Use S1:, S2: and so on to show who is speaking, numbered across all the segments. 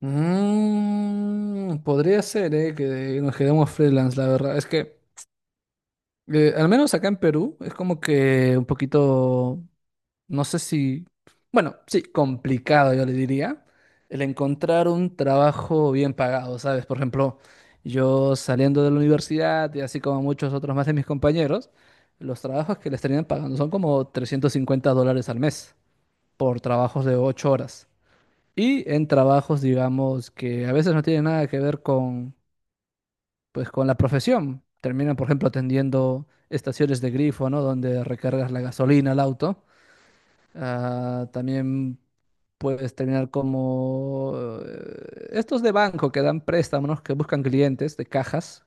S1: Podría ser, que nos quedemos freelance, la verdad. Es que, al menos acá en Perú, es como que un poquito, no sé si, bueno, sí, complicado, yo le diría, el encontrar un trabajo bien pagado, ¿sabes? Por ejemplo, yo saliendo de la universidad y así como muchos otros más de mis compañeros, los trabajos que les terminan pagando son como $350 al mes por trabajos de 8 horas. Y en trabajos, digamos, que a veces no tienen nada que ver con, pues, con la profesión. Terminan, por ejemplo, atendiendo estaciones de grifo, ¿no? Donde recargas la gasolina al auto. Ah, también puedes terminar como estos de banco que dan préstamos, que buscan clientes de cajas.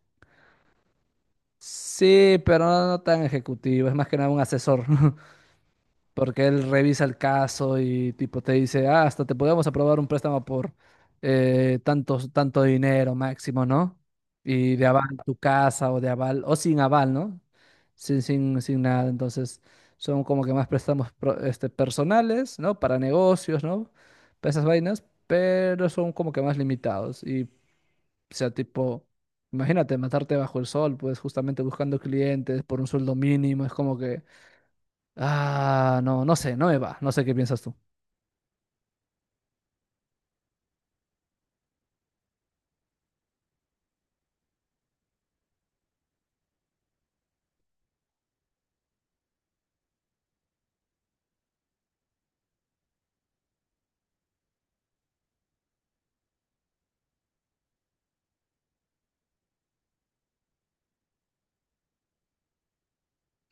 S1: Sí, pero no, no tan ejecutivo, es más que nada un asesor. Porque él revisa el caso y tipo te dice, ah, hasta te podemos aprobar un préstamo por tanto dinero máximo, ¿no? Y de aval tu casa o de aval, o sin aval, ¿no? Sin nada. Entonces, son como que más préstamos personales, ¿no? Para negocios, ¿no? Para esas vainas, pero son como que más limitados. Y, o sea, tipo, imagínate matarte bajo el sol, pues justamente buscando clientes por un sueldo mínimo, es como que... Ah, no, no sé, no me va. No sé qué piensas tú.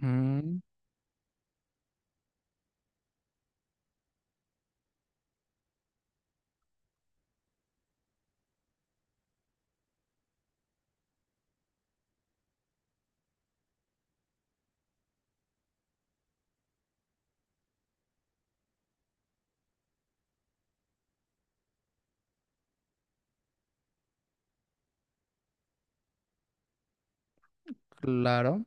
S1: Mm, claro.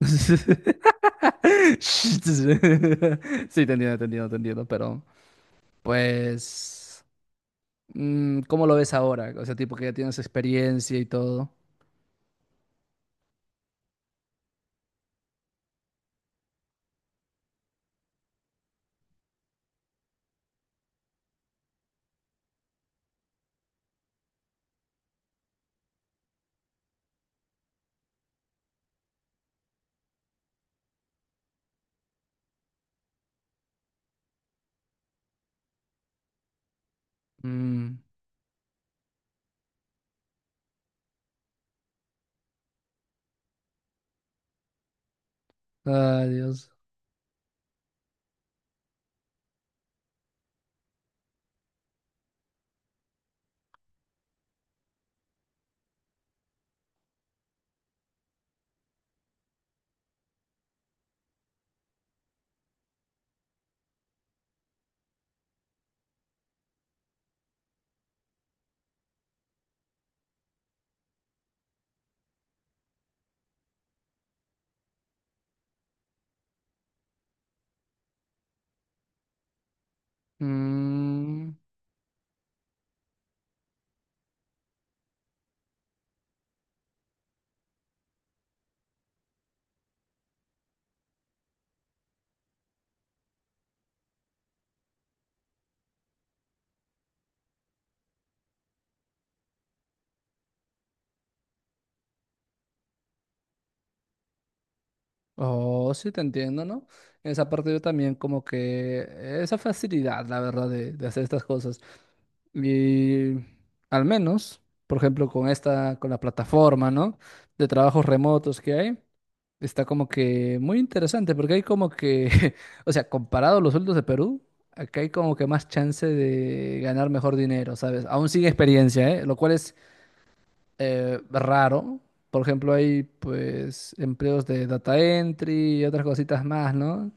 S1: Sí, te entiendo, te entiendo, te entiendo, pero pues, ¿cómo lo ves ahora? O sea, tipo que ya tienes experiencia y todo. Mm, ay, Dios. Mm. Oh, sí, te entiendo, ¿no? En esa parte yo también como que esa facilidad, la verdad, de hacer estas cosas. Y al menos, por ejemplo, con esta, con la plataforma, ¿no? De trabajos remotos que hay, está como que muy interesante porque hay como que, o sea, comparado a los sueldos de Perú, acá hay como que más chance de ganar mejor dinero, ¿sabes? Aún sin experiencia, ¿eh? Lo cual raro. Por ejemplo, hay pues empleos de data entry y otras cositas más, ¿no?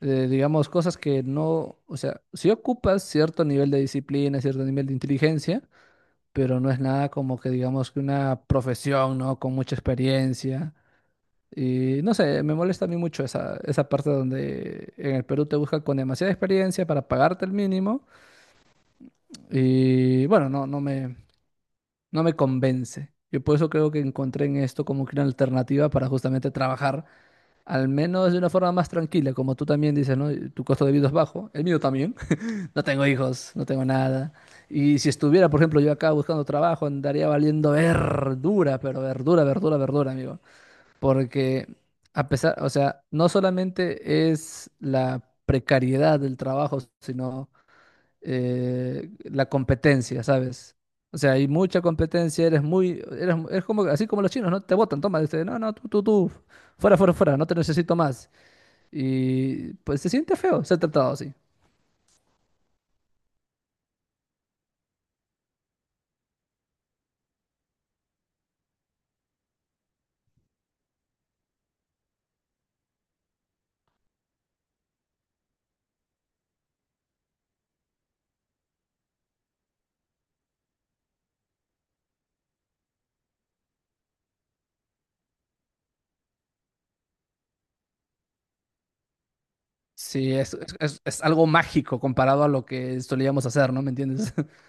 S1: Digamos, cosas que no, o sea, sí ocupas cierto nivel de disciplina, cierto nivel de inteligencia, pero no es nada como que digamos que una profesión, ¿no? Con mucha experiencia. Y no sé, me molesta a mí mucho esa, esa parte donde en el Perú te buscan con demasiada experiencia para pagarte el mínimo. Y bueno, no, no me, no me convence. Yo por eso creo que encontré en esto como que una alternativa para justamente trabajar, al menos de una forma más tranquila, como tú también dices, ¿no? Tu costo de vida es bajo, el mío también. No tengo hijos, no tengo nada. Y si estuviera, por ejemplo, yo acá buscando trabajo, andaría valiendo verdura, pero verdura, verdura, verdura, amigo. Porque a pesar, o sea, no solamente es la precariedad del trabajo, sino la competencia, ¿sabes? O sea, hay mucha competencia, eres muy, eres, eres como, así como los chinos, ¿no? Te botan, toma, dice, no, no, tú, fuera, fuera, fuera, no te necesito más. Y pues se siente feo ser tratado así. Sí, es algo mágico comparado a lo que solíamos hacer, ¿no? ¿Me entiendes?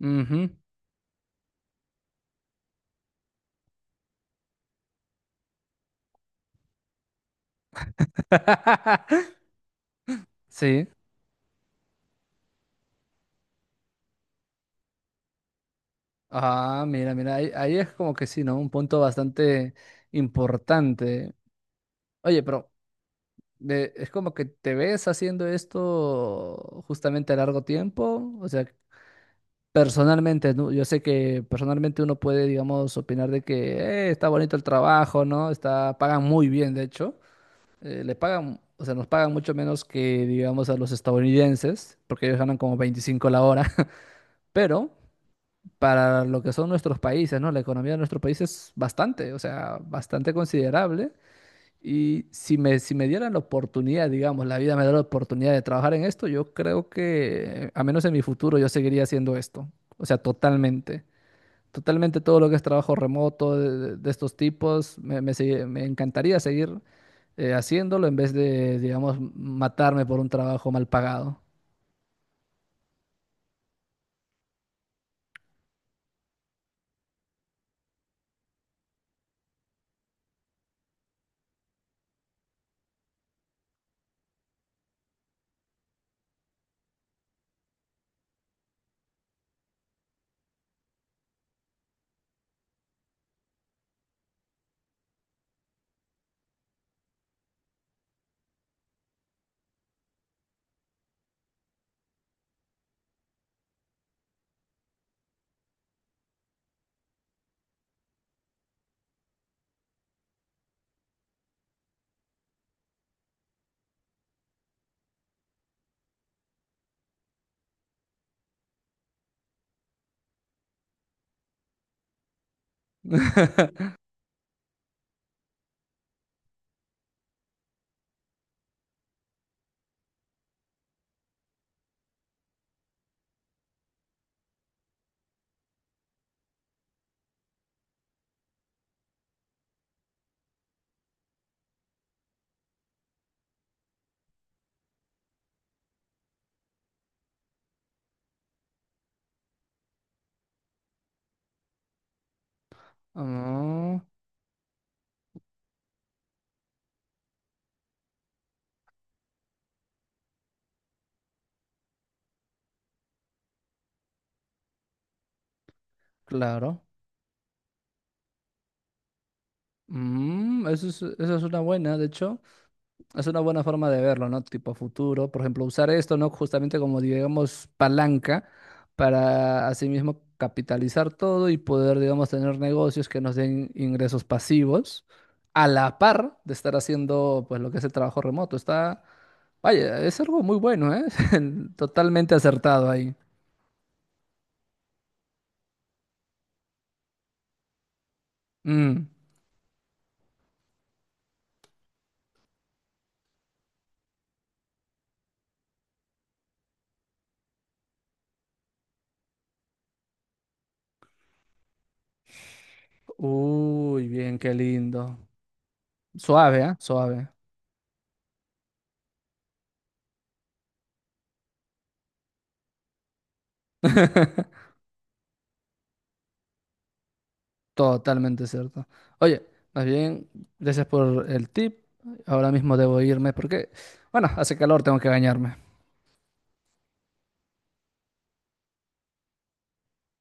S1: Ujú. Sí. Ah, mira, mira, ahí, ahí es como que sí, ¿no? Un punto bastante importante. Oye, pero es como que te ves haciendo esto justamente a largo tiempo, o sea, personalmente, ¿no? Yo sé que personalmente uno puede, digamos, opinar de que está bonito el trabajo, ¿no? Está, pagan muy bien, de hecho, eh, le pagan, o sea, nos pagan mucho menos que, digamos, a los estadounidenses, porque ellos ganan como 25 la hora, pero para lo que son nuestros países, ¿no? La economía de nuestros países es bastante, o sea, bastante considerable. Y si me, si me dieran la oportunidad, digamos, la vida me da la oportunidad de trabajar en esto, yo creo que, a menos en mi futuro, yo seguiría haciendo esto. O sea, totalmente. Totalmente todo lo que es trabajo remoto de estos tipos, me encantaría seguir haciéndolo en vez de, digamos, matarme por un trabajo mal pagado. Ah, claro. Mm, eso es una buena, de hecho. Es una buena forma de verlo, ¿no? Tipo futuro. Por ejemplo, usar esto, ¿no? Justamente como, digamos, palanca para asimismo capitalizar todo y poder, digamos, tener negocios que nos den ingresos pasivos a la par de estar haciendo, pues, lo que es el trabajo remoto. Está, vaya, es algo muy bueno, ¿eh? Totalmente acertado ahí. Mm. Uy, bien, qué lindo. Suave, ¿ah? Suave. Totalmente cierto. Oye, más bien, gracias por el tip. Ahora mismo debo irme porque, bueno, hace calor, tengo que bañarme.